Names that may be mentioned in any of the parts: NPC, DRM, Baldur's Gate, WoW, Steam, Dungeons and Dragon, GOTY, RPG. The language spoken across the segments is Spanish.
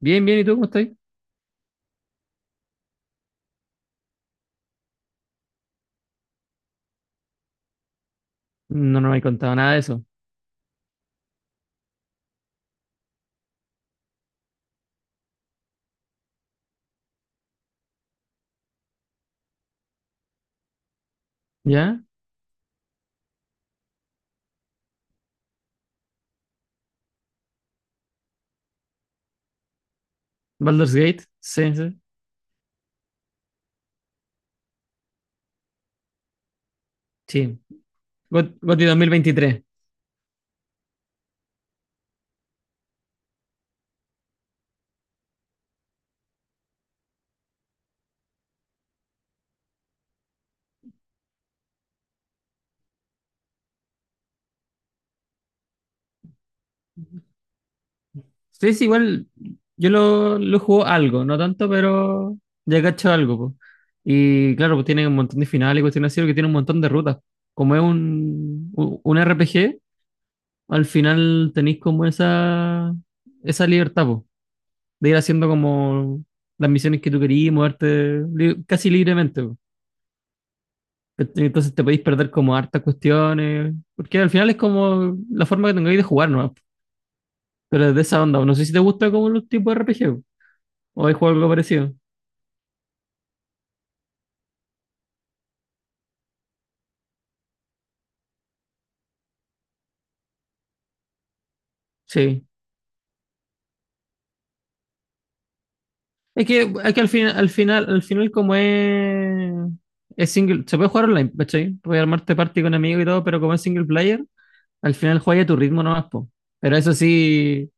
Bien, bien, ¿y tú cómo estás? No, no me he contado nada de eso. ¿Ya? Baldur's Gate, sí, sí. Sí. GOTY 2023. Sí, sí, igual yo lo juego algo, no tanto, pero ya cacho algo, po. Y claro, pues tiene un montón de finales y cuestiones así, porque tiene un montón de rutas. Como es un RPG, al final tenéis como esa libertad, po, de ir haciendo como las misiones que tú querías, moverte casi libremente. ¿Cachai? Entonces te podéis perder como hartas cuestiones, porque al final es como la forma que tengáis de jugar, ¿no? Pero es de esa onda, no sé si te gusta como los tipos de RPG, o hay juego algo parecido. Sí. Es que al final como es single, se puede jugar online, ¿cachai? Puedes armarte party con amigos y todo, pero como es single player, al final juegas a tu ritmo nomás, po. Pero eso sí,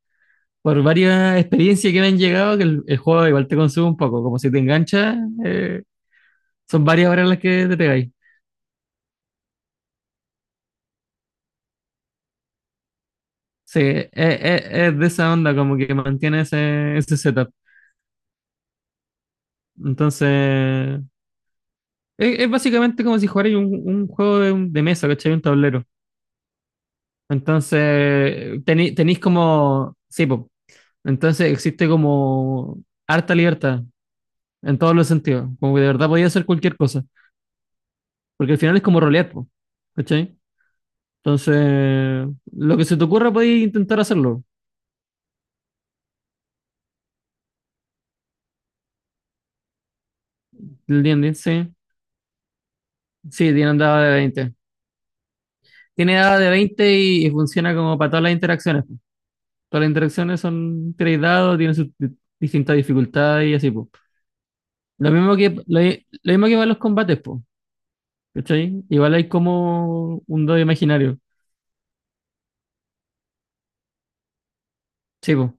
por varias experiencias que me han llegado, que el juego igual te consume un poco, como si te enganchas, eh, son varias horas las que te pegáis. Sí, es de esa onda, como que mantiene ese setup. Entonces, es básicamente como si jugarais un juego de mesa, ¿cachai? Un tablero. Entonces, tenéis como. Sí, po. Entonces, existe como harta libertad en todos los sentidos. Como que de verdad podía hacer cualquier cosa. Porque al final es como rolear, po, ¿cachai? Entonces, lo que se te ocurra podéis intentar hacerlo. ¿Entiendes? Sí. Sí, Dean andaba de 20. Tiene dado de 20 y funciona como para todas las interacciones, po. Todas las interacciones son tres dados, tienen sus distintas dificultades y así, po. Lo mismo que para los combates, po. ¿Cachai? Igual hay como un dado imaginario. Sí, po.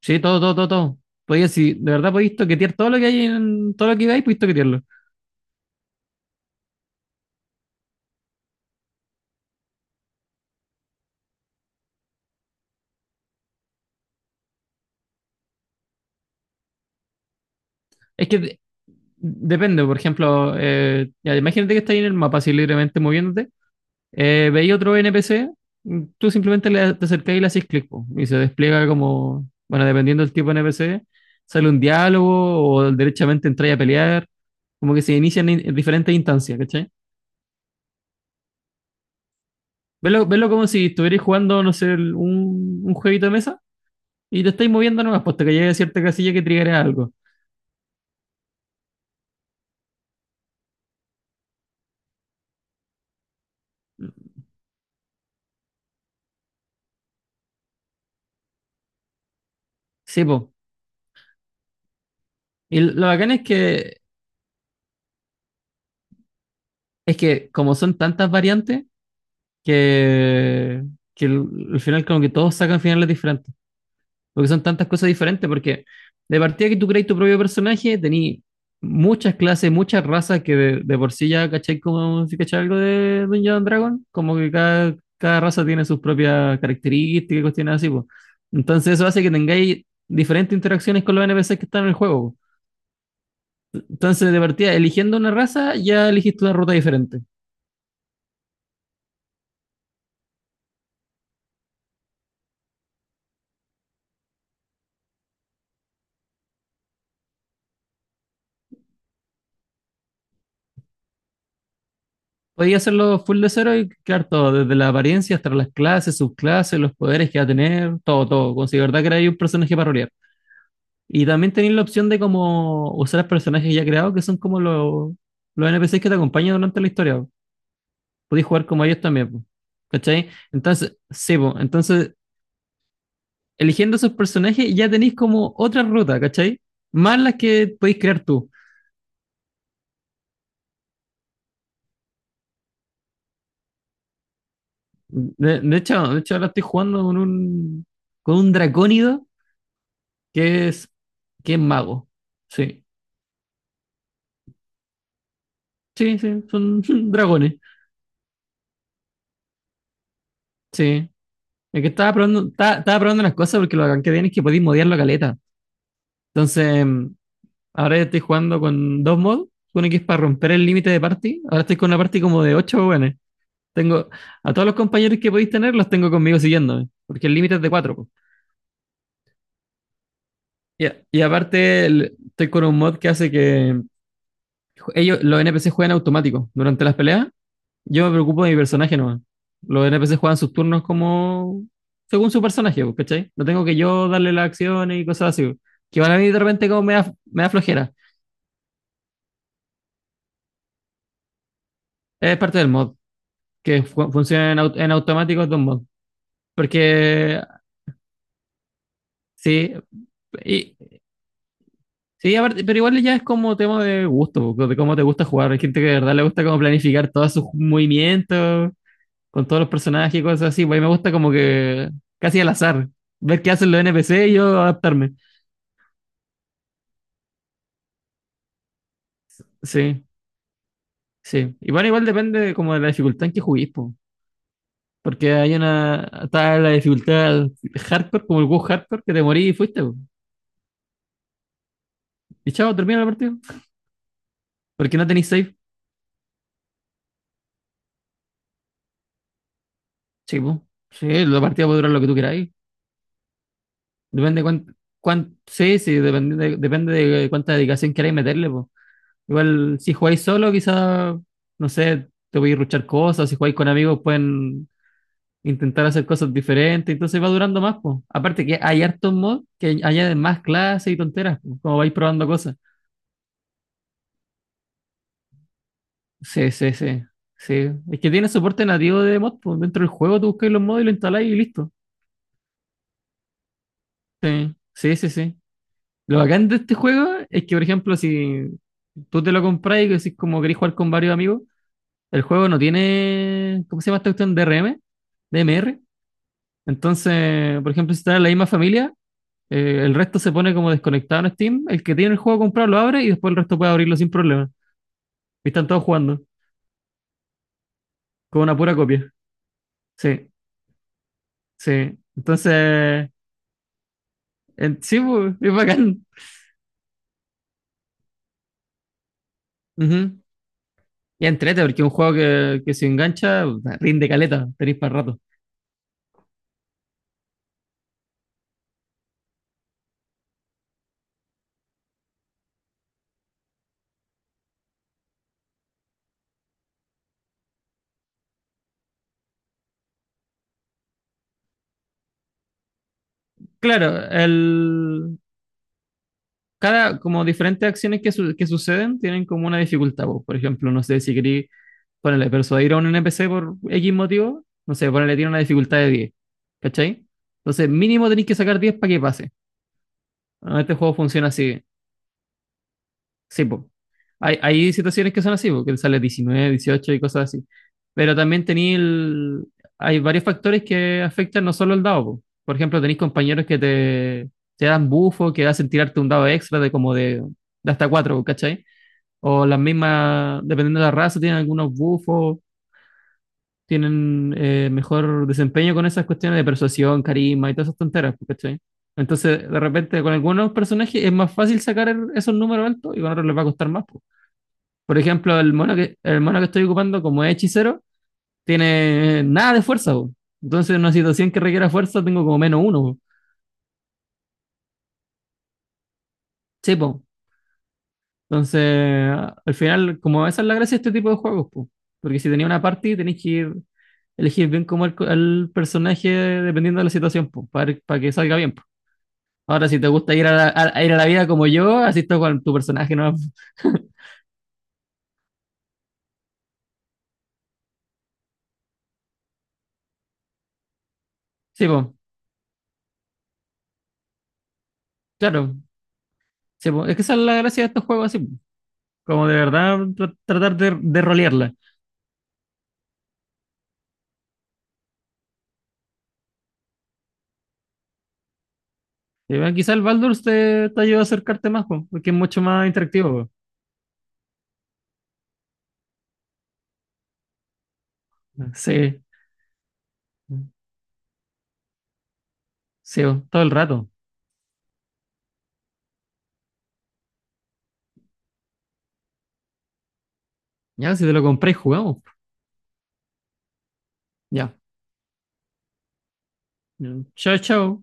Sí, todo, todo, todo, todo. Podía, si de verdad podéis toquetear todo lo que hay en todo lo que veis, podéis toquetearlo. Es que depende, por ejemplo, ya, imagínate que estáis en el mapa así libremente moviéndote. Veía otro NPC. Tú simplemente te acercás y le haces clic, po, y se despliega como, bueno, dependiendo del tipo de NPC, sale un diálogo o derechamente entráis a pelear, como que se inician en diferentes instancias, ¿cachai? Verlo, verlo como si estuvierais jugando, no sé, un jueguito de mesa, y te estáis moviendo nomás, pues hasta que llegue a cierta casilla que triggerea algo. Sí, pues. Y lo bacán es que como son tantas variantes, que, que al final como que todos sacan finales diferentes. Porque son tantas cosas diferentes, porque de partida que tú creas tu propio personaje, tení muchas clases, muchas razas que de por sí ya caché, como si caché algo de Dungeons and Dragon, como que cada raza tiene sus propias características y cuestiones así, pues. Entonces eso hace que tengáis diferentes interacciones con los NPCs que están en el juego, po. Entonces, de partida, eligiendo una raza, ya elegiste una ruta diferente. Podías hacerlo full de cero y crear todo, desde la apariencia hasta las clases, subclases, los poderes que va a tener, todo, todo, como si de verdad creáis un personaje para rolear. Y también tenéis la opción de como usar los personajes ya creados, que son como los NPCs que te acompañan durante la historia, po. Podéis jugar como ellos también, po, ¿cachai? Entonces, sí, po, entonces, eligiendo esos personajes ya tenéis como otra ruta, ¿cachai? Más las que podéis crear tú. De hecho, ahora estoy jugando con un dracónido que es, que es mago. Sí, sí, sí, son dragones. Sí. Es que estaba probando las cosas porque lo que tiene es que podéis modiar la caleta. Entonces, ahora estoy jugando con dos mods. Uno que es para romper el límite de party. Ahora estoy con una party como de ocho buenos. Tengo a todos los compañeros que podéis tener, los tengo conmigo siguiéndome, porque el límite es de cuatro, po. Y aparte, estoy con un mod que hace que ellos, los NPC juegan automático durante las peleas. Yo me preocupo de mi personaje nomás. Los NPC juegan sus turnos como según su personaje, po, ¿cachai? No tengo que yo darle las acciones y cosas así, po. Que van a mí de repente como me da flojera. Es parte del mod. Que funcionen en automático dos mods. Porque sí, y- sí aparte, pero igual ya es como tema de gusto, de cómo te gusta jugar. Hay gente que de verdad le gusta como planificar todos sus movimientos con todos los personajes y cosas así. Pues a mí me gusta como que casi al azar, ver qué hacen los NPC y yo adaptarme. Sí, sí. Y bueno, igual depende como de la dificultad en que juguís, po. Porque hay una, está la dificultad hardcore, como el WoW hardcore, que te morís y fuiste, po. Y chao, termina la partida. Porque no tenéis save. Sí, po. Sí, la partida puede durar lo que tú queráis. Depende cuánto, sí, sí, depende de cuánta dedicación queráis meterle, po. Igual, si jugáis solo, quizás, no sé, te voy a ruchar cosas, si jugáis con amigos pueden intentar hacer cosas diferentes, entonces va durando más, po. Aparte que hay hartos mods que añaden más clases y tonteras, po, como vais probando cosas. Sí, sí, sí. Sí. Es que tiene soporte nativo de mod, po. Dentro del juego tú buscáis los mods y lo instaláis y listo. Sí, sí, sí, sí. Lo bacán de este juego es que, por ejemplo, si tú te lo compras y decís como querés jugar con varios amigos, el juego no tiene, ¿cómo se llama esta cuestión? DRM, DMR. Entonces, por ejemplo, si estás en la misma familia, el resto se pone como desconectado en Steam. El que tiene el juego comprado lo abre y después el resto puede abrirlo sin problema. Y están todos jugando con una pura copia. Sí, sí. Entonces, sí, pues, es bacán. Ujú. Y entrete, porque es un juego que se engancha, rinde caleta, tenéis para rato. Claro, como diferentes acciones que suceden tienen como una dificultad, po. Por ejemplo, no sé si queréis ponerle persuadir a un NPC por X motivo, no sé, ponerle tiene una dificultad de 10, ¿cachai? Entonces, mínimo tenéis que sacar 10 para que pase. Bueno, este juego funciona así. Sí, po. Hay situaciones que son así, porque él sale 19, 18 y cosas así. Pero también tenéis el... hay varios factores que afectan no solo el dado, po. Por ejemplo, tenéis compañeros que te dan bufo, que hacen tirarte un dado extra de como de hasta 4, ¿cachai? O las mismas, dependiendo de la raza, tienen algunos bufos, tienen mejor desempeño con esas cuestiones de persuasión, carisma y todas esas tonteras, po, ¿cachai? Entonces, de repente, con algunos personajes es más fácil sacar esos números altos y con otros les va a costar más, po. Por ejemplo, el mono que estoy ocupando como es hechicero, tiene nada de fuerza, po. Entonces, en una situación que requiera fuerza, tengo como menos uno, po. Sí, po. Entonces, al final, como esa es la gracia de este tipo de juegos, po. Porque si tenía una party, tenéis que ir, elegir bien como el personaje dependiendo de la situación, po, para que salga bien, po. Ahora, si te gusta ir a la, a ir a la vida como yo, así está con tu personaje, ¿no? Sí, po. Claro. Sí, po. Es que esa es la gracia de estos juegos así, po. Como de verdad tratar de rolearla. Y bueno, quizá el Baldur's te ayuda a acercarte más, po, porque es mucho más interactivo, po. Sí, sí, po, todo el rato. Ya, si te lo compré, jugamos, po. Ya. Chao, chao.